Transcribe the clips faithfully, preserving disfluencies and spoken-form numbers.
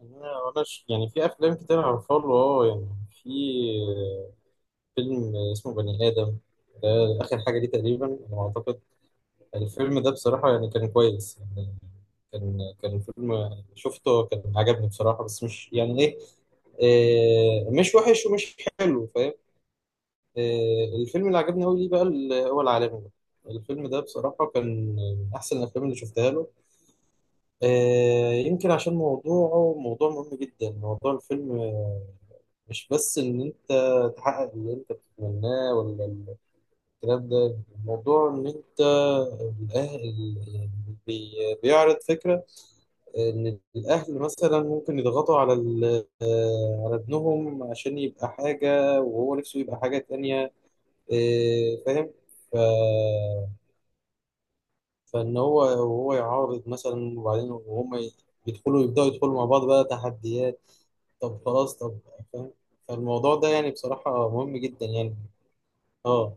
لا، ولاش يعني، في افلام كتير عارفها له اه يعني. في فيلم اسمه بني ادم ده، اخر حاجه دي تقريبا انا اعتقد. الفيلم ده بصراحه يعني كان كويس يعني. كان كان فيلم شفته، كان عجبني بصراحه، بس مش يعني ايه. آه، مش وحش ومش حلو، فاهم. آه، الفيلم اللي عجبني قوي ليه بقى، ال- هو العالمي ده. الفيلم ده بصراحة كان من أحسن الأفلام اللي شفتها له. آه، يمكن عشان موضوعه موضوع مهم جدا. موضوع الفيلم مش بس ان انت تحقق اللي انت بتتمناه، ولا الكلام ده. الموضوع ان انت، الاهل، يعني، بي- بيعرض فكرة ان الاهل مثلا ممكن يضغطوا على ال- آه، على ابنهم عشان يبقى حاجة وهو نفسه يبقى حاجة تانية. آه، فاهم. ف... فان هو، وهو يعارض مثلا، وبعدين وهم يدخلوا يبدأوا يدخلوا مع بعض بقى تحديات. طب خلاص، طب. فاهم. فالموضوع ده يعني بصراحة مهم جدا يعني. اه،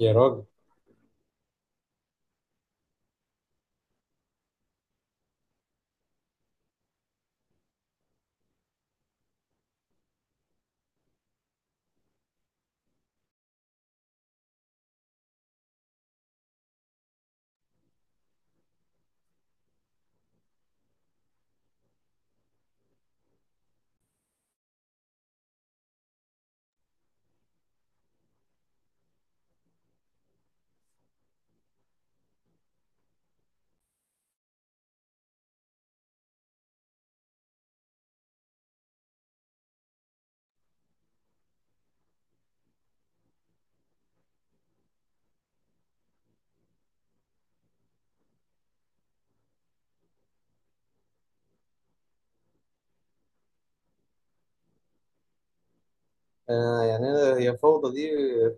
يا راجل. آه يعني انا، هي فوضى دي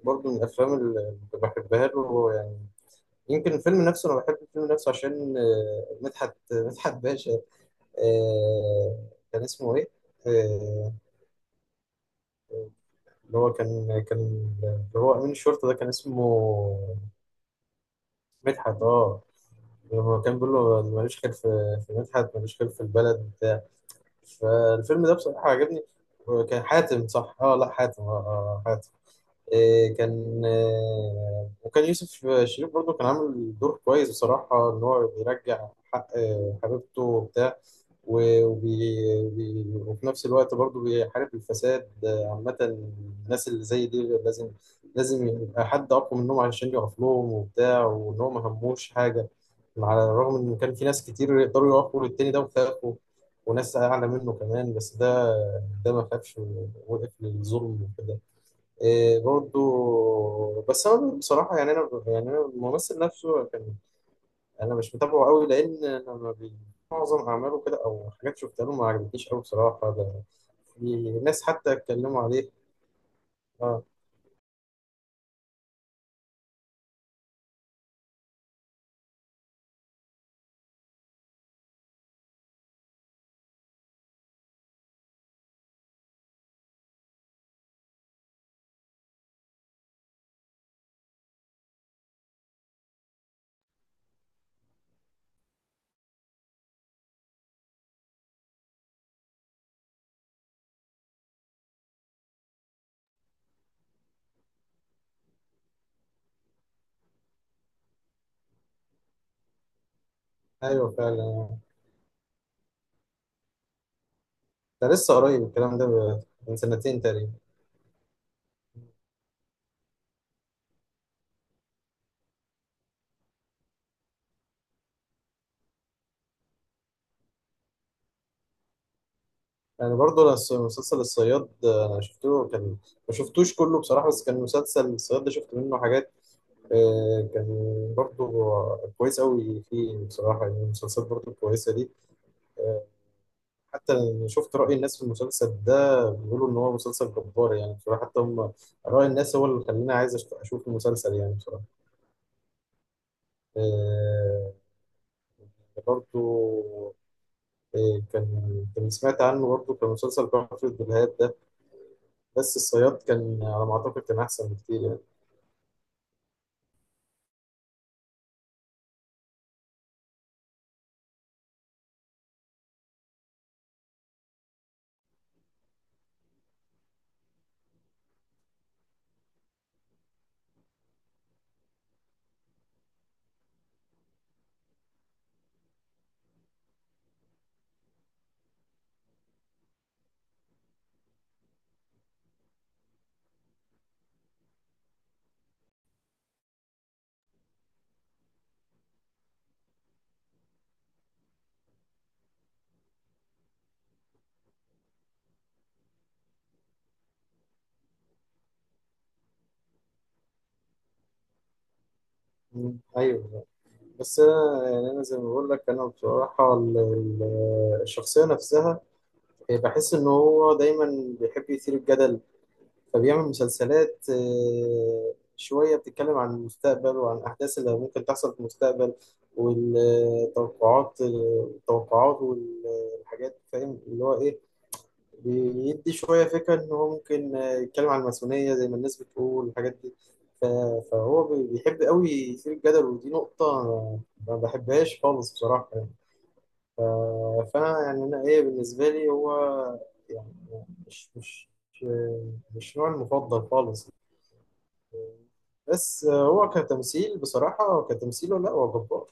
برضو من الافلام اللي بحبها له يعني. يمكن الفيلم نفسه، انا بحب الفيلم نفسه عشان، آه، مدحت مدحت باشا. آه كان اسمه ايه؟ آه اللي هو كان كان اللي هو امين الشرطه ده كان اسمه مدحت، اه. لما كان بيقول له ماليش خير في في مدحت، ماليش خير في البلد بتاع. فالفيلم ده بصراحه عجبني. كان حاتم، صح. اه، لا حاتم، اه, آه، آه، حاتم. إيه كان، آه، وكان يوسف شريف برضه كان عامل دور كويس بصراحة، إن هو بيرجع حق آه، حبيبته وبتاع. و- وبي وبي- وفي نفس الوقت برضه بيحارب الفساد آه، عامة. الناس اللي زي دي لازم، لازم يبقى حد أقوى منهم علشان يقف لهم وبتاع، وإن هو ما هموش حاجة. على الرغم إن كان في ناس كتير يقدروا يقفوا للتاني ده وخافوا، وناس أعلى منه كمان، بس ده ده ما خافش. ووقف للظلم وكده. إيه برضو. بس انا بصراحه يعني، انا يعني انا الممثل نفسه كان، انا مش متابعه قوي، لان انا ما بي- معظم اعماله كده، او حاجات شفتها له ما عجبتنيش قوي بصراحه. ده في ناس حتى اتكلموا عليه. اه، ايوه فعلا. ده لسه قريب الكلام ده، ب- من سنتين تقريبا يعني. برضو، لس- مسلسل الصياد ده انا شفته، كان ما شفتوش كله بصراحه، بس كان مسلسل الصياد ده شفت منه حاجات. آه، كان برضو كويس قوي فيه بصراحه يعني. المسلسلات برضو كويسه دي. آه، حتى شفت رأي الناس في المسلسل ده، بيقولوا إن هو مسلسل جبار، يعني بصراحة حتى هم، رأي الناس هو اللي خلاني عايز أشت- أشوف المسلسل يعني بصراحة. آه، برضو آه، كان كان سمعت عنه، برضو كان مسلسل كفر الدلهاب ده، بس الصياد كان على ما أعتقد كان أحسن بكتير يعني. مم، أيوه. بس أنا يعني، أنا زي ما بقول لك، أنا بصراحة ال- ال- الشخصية نفسها، آه، بحس إن هو دايما بيحب يثير الجدل. فبيعمل مسلسلات آه، شوية بتتكلم عن المستقبل وعن الأحداث اللي ممكن تحصل في المستقبل، والتوقعات، التوقعات والحاجات، فاهم اللي هو إيه، بيدي شوية فكرة إن هو ممكن آه، يتكلم عن الماسونية زي ما الناس بتقول الحاجات دي. ف- فهو بي- بيحب قوي يثير الجدل، ودي نقطة ما بحبهاش خالص بصراحة يعني. ف- فأنا يعني، أنا إيه بالنسبة لي، هو يعني، مش مش مش نوعي المفضل خالص. بس هو كتمثيل بصراحة، كتمثيله، لا هو جبار.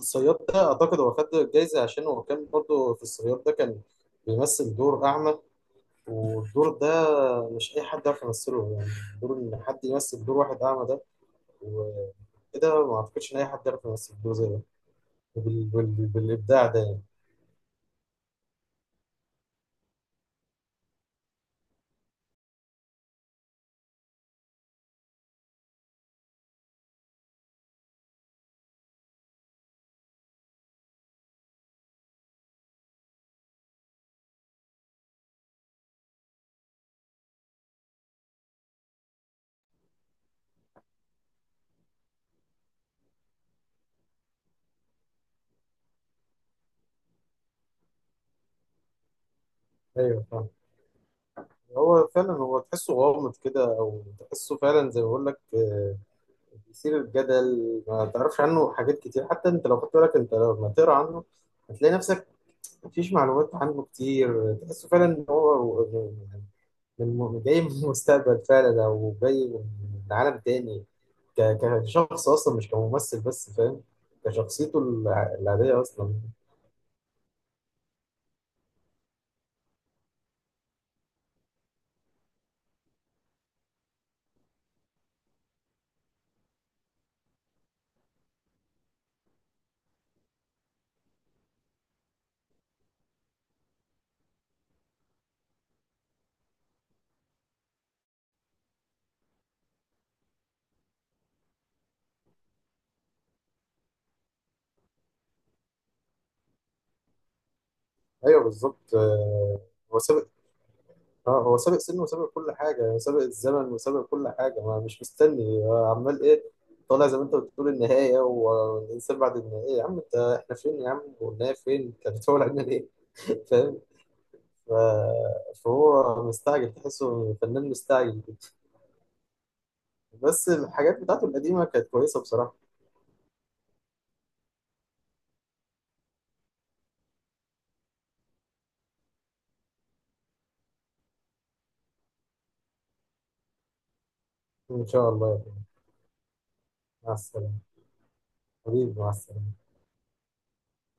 الصياد ده أعتقد هو خد الجايزة عشان هو كان برضه في الصياد ده كان بيمثل دور أعمى، والدور ده مش أي حد يعرف يمثله يعني. دور إن حد يمثل دور واحد أعمى ده وكده، ما أعتقدش إن أي حد يعرف يمثل دور زي ده، بال... بال... بالإبداع ده يعني. أيوه فاهم. هو فعلا، هو تحسه غامض كده، أو تحسه فعلا زي ما بقول لك، آه، يثير الجدل، ما تعرفش عنه حاجات كتير. حتى انت لو خدت بالك، انت لما تقرا عنه هتلاقي نفسك مفيش معلومات عنه كتير. تحسه فعلا ان هو من من- جاي من المستقبل فعلا، او جاي من عالم تاني، ك- كشخص اصلا مش كممثل بس، فاهم، كشخصيته الع- العادية اصلا. ايوه بالظبط. آه، هو ساب اه هو سابق سنه، وسابق كل حاجة، سابق الزمن، وسابق كل حاجة. ما مش مستني آه، عمال ايه، طالع زي ما انت بتقول، النهاية والإنسان بعد النهاية، يا عم انت، احنا فين يا عم والنهاية فين، انت بتقول علينا ليه؟ فاهم. ف- فهو مستعجل، تحسه فنان مستعجل كده. بس الحاجات بتاعته القديمة كانت كويسة بصراحة. إن شاء الله يعني. مع السلامة. حبيبي، مع السلامة.